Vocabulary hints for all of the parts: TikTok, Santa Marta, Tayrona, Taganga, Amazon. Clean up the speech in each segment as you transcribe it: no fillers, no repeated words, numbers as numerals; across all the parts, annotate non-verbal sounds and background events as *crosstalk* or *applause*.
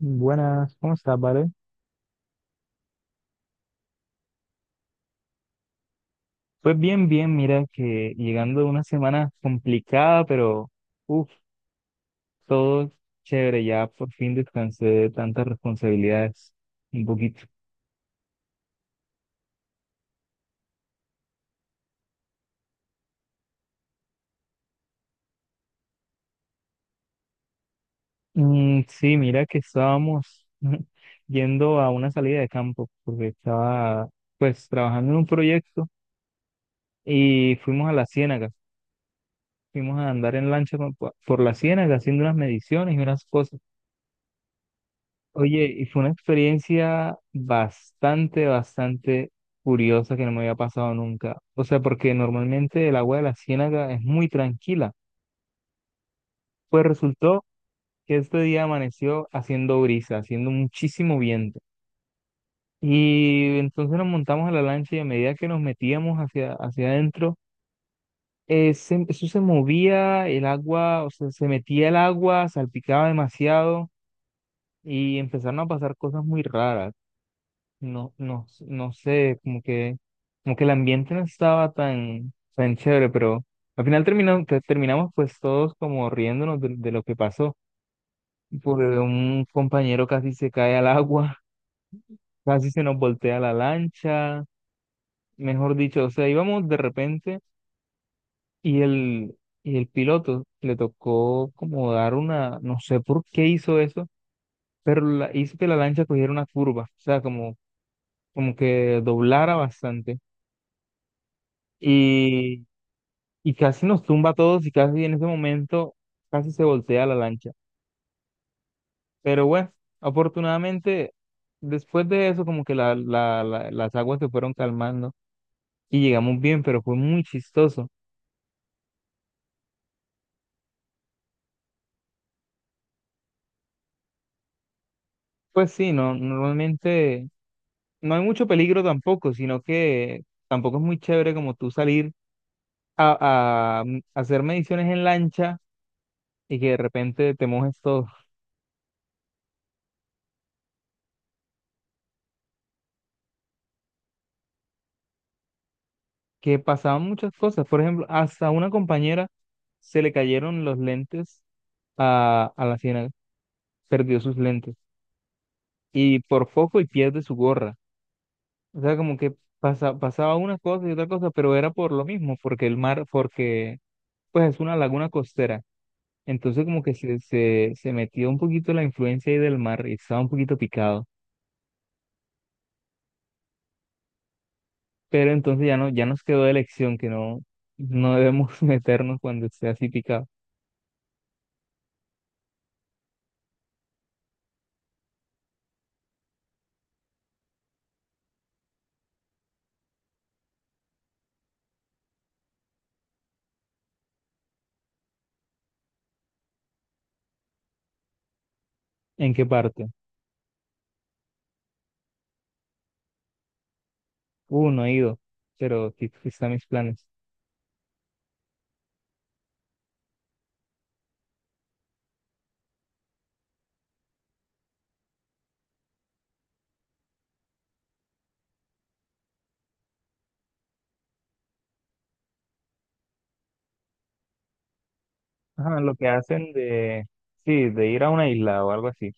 Buenas, ¿cómo estás, Vale? Pues bien, bien, mira que llegando a una semana complicada, pero uff, todo chévere, ya por fin descansé de tantas responsabilidades un poquito. Mm, sí, mira que estábamos *laughs* yendo a una salida de campo, porque estaba pues trabajando en un proyecto y fuimos a la ciénaga, fuimos a andar en lancha por la ciénaga haciendo unas mediciones y unas cosas. Oye, y fue una experiencia bastante, bastante curiosa que no me había pasado nunca. O sea, porque normalmente el agua de la ciénaga es muy tranquila. Pues resultó que este día amaneció haciendo brisa, haciendo muchísimo viento. Y entonces nos montamos a la lancha y a medida que nos metíamos hacia adentro, eso se movía, el agua, o sea, se metía el agua, salpicaba demasiado y empezaron a pasar cosas muy raras. No sé, como que el ambiente no estaba tan, tan chévere, pero al final terminamos pues todos como riéndonos de lo que pasó, porque un compañero casi se cae al agua, *laughs* casi se nos voltea la lancha, mejor dicho, o sea, íbamos de repente y el, y el piloto le tocó como dar una, no sé por qué hizo eso, pero hizo que la lancha cogiera una curva, o sea, como, como que doblara bastante. Y casi nos tumba a todos y casi en ese momento casi se voltea la lancha. Pero bueno, afortunadamente después de eso como que las aguas se fueron calmando y llegamos bien, pero fue muy chistoso. Pues sí, no, normalmente no hay mucho peligro tampoco, sino que tampoco es muy chévere como tú salir a hacer mediciones en lancha y que de repente te mojes todo. Que pasaban muchas cosas, por ejemplo, hasta a una compañera se le cayeron los lentes a la ciénaga, perdió sus lentes y por foco y pierde su gorra. O sea, como que pasaba una cosa y otra cosa, pero era por lo mismo, porque el mar, porque pues es una laguna costera. Entonces como que se metió un poquito la influencia ahí del mar y estaba un poquito picado. Pero entonces ya no, ya nos quedó de lección que no, no debemos *laughs* meternos cuando esté así picado. ¿En qué parte? No he ido, pero sí, sí están mis planes. Ajá, lo que hacen de, sí, de ir a una isla o algo así.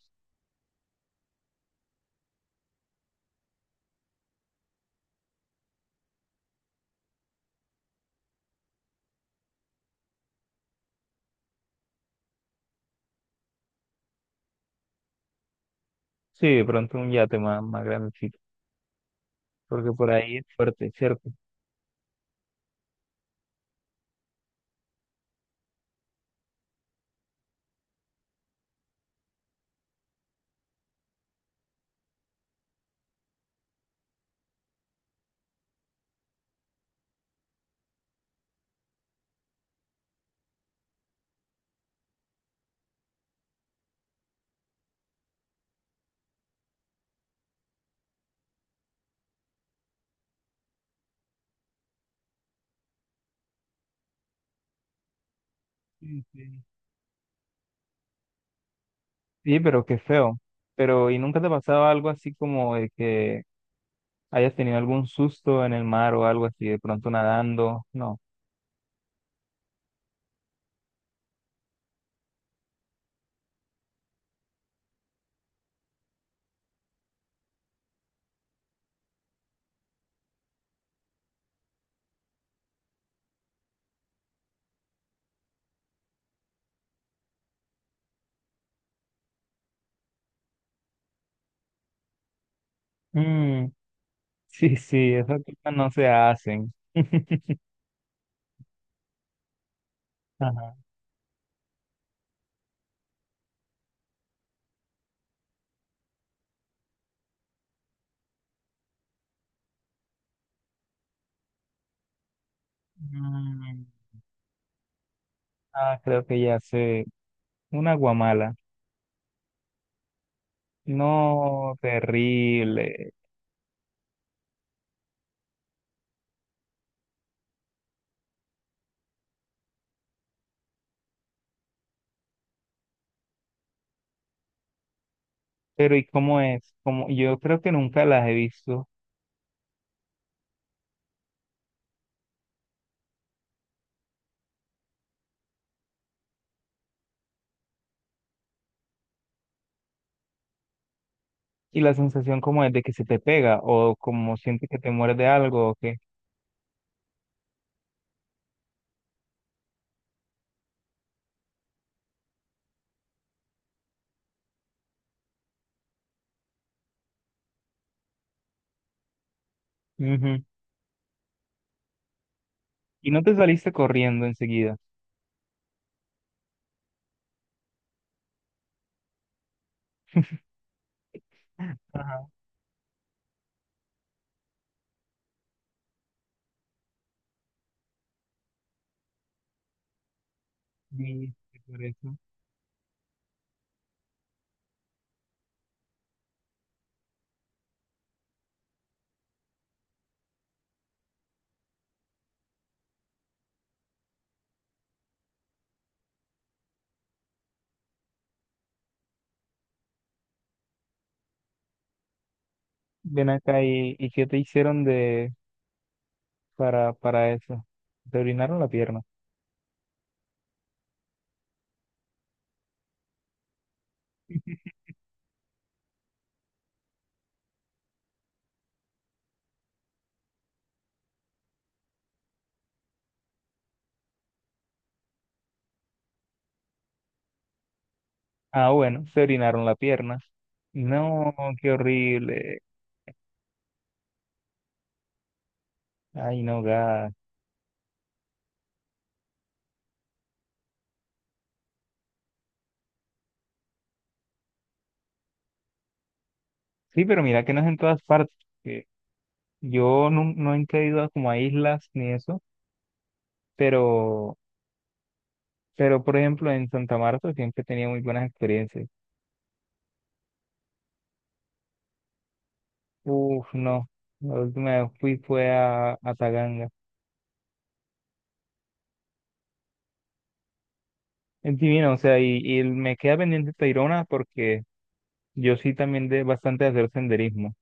Sí, de pronto un yate más, más grandecito, porque por ahí es fuerte, ¿cierto? Sí, sí. Sí, pero qué feo. Pero, ¿y nunca te pasaba algo así como de que hayas tenido algún susto en el mar o algo así, de pronto nadando? No. Mm, *laughs* sí, sí, esas cosas no se hacen. *laughs* Ajá. Mm, ah, creo que ya sé. Una guamala. No, terrible. Pero, ¿y cómo es? Como, yo creo que nunca las he visto. Y la sensación como es de que se te pega o como sientes que te muerde algo o que... Ujú. ¿Y no te saliste corriendo enseguida? Ajá, sí, sí, por eso. Ven acá ¿y qué te hicieron de para eso? Te orinaron la pierna. Ah, bueno, se orinaron la pierna. No, qué horrible. Ay, no, gas. Sí, pero mira que no es en todas partes. Que yo no he ido a como a islas ni eso, pero, pero por ejemplo en Santa Marta siempre tenía muy buenas experiencias. Uf, no. La última vez fui a Taganga. Es divino, o sea, y me queda pendiente Tayrona porque yo sí también de bastante de hacer senderismo.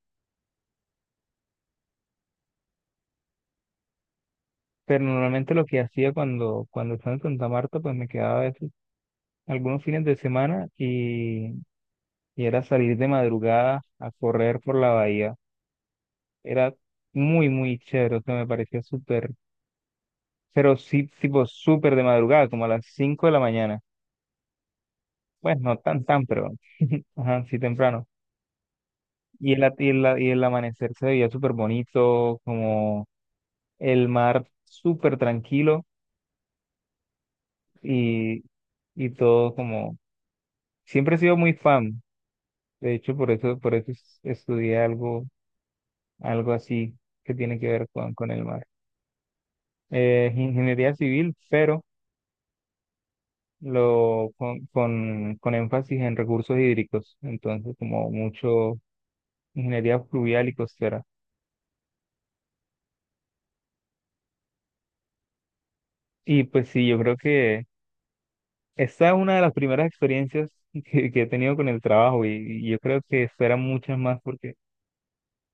Pero normalmente lo que hacía cuando estaba en Santa Marta, pues me quedaba a veces algunos fines de semana y era salir de madrugada a correr por la bahía. Era muy, muy chévere, o sea, me parecía súper, pero sí, tipo súper de madrugada, como a las 5 de la mañana. Pues no tan, tan, pero, *laughs* ajá, sí temprano. Y el, at- y el, a- Y el amanecer se veía súper bonito, como el mar súper tranquilo y, y todo como... Siempre he sido muy fan, de hecho por eso, estudié algo, algo así que tiene que ver con el mar. Ingeniería civil, pero con énfasis en recursos hídricos, entonces como mucho ingeniería fluvial y costera. Y pues sí, yo creo que esta es una de las primeras experiencias que he tenido con el trabajo y yo creo que esperan muchas más porque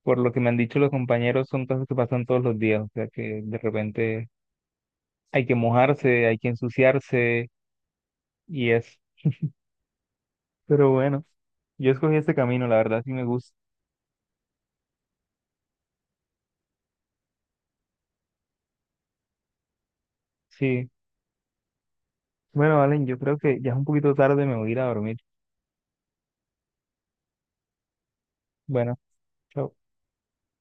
por lo que me han dicho los compañeros son cosas que pasan todos los días, o sea que de repente hay que mojarse, hay que ensuciarse y es. Pero bueno, yo escogí este camino, la verdad sí me gusta. Sí. Bueno, Valen, yo creo que ya es un poquito tarde, me voy a ir a dormir. Bueno, chao.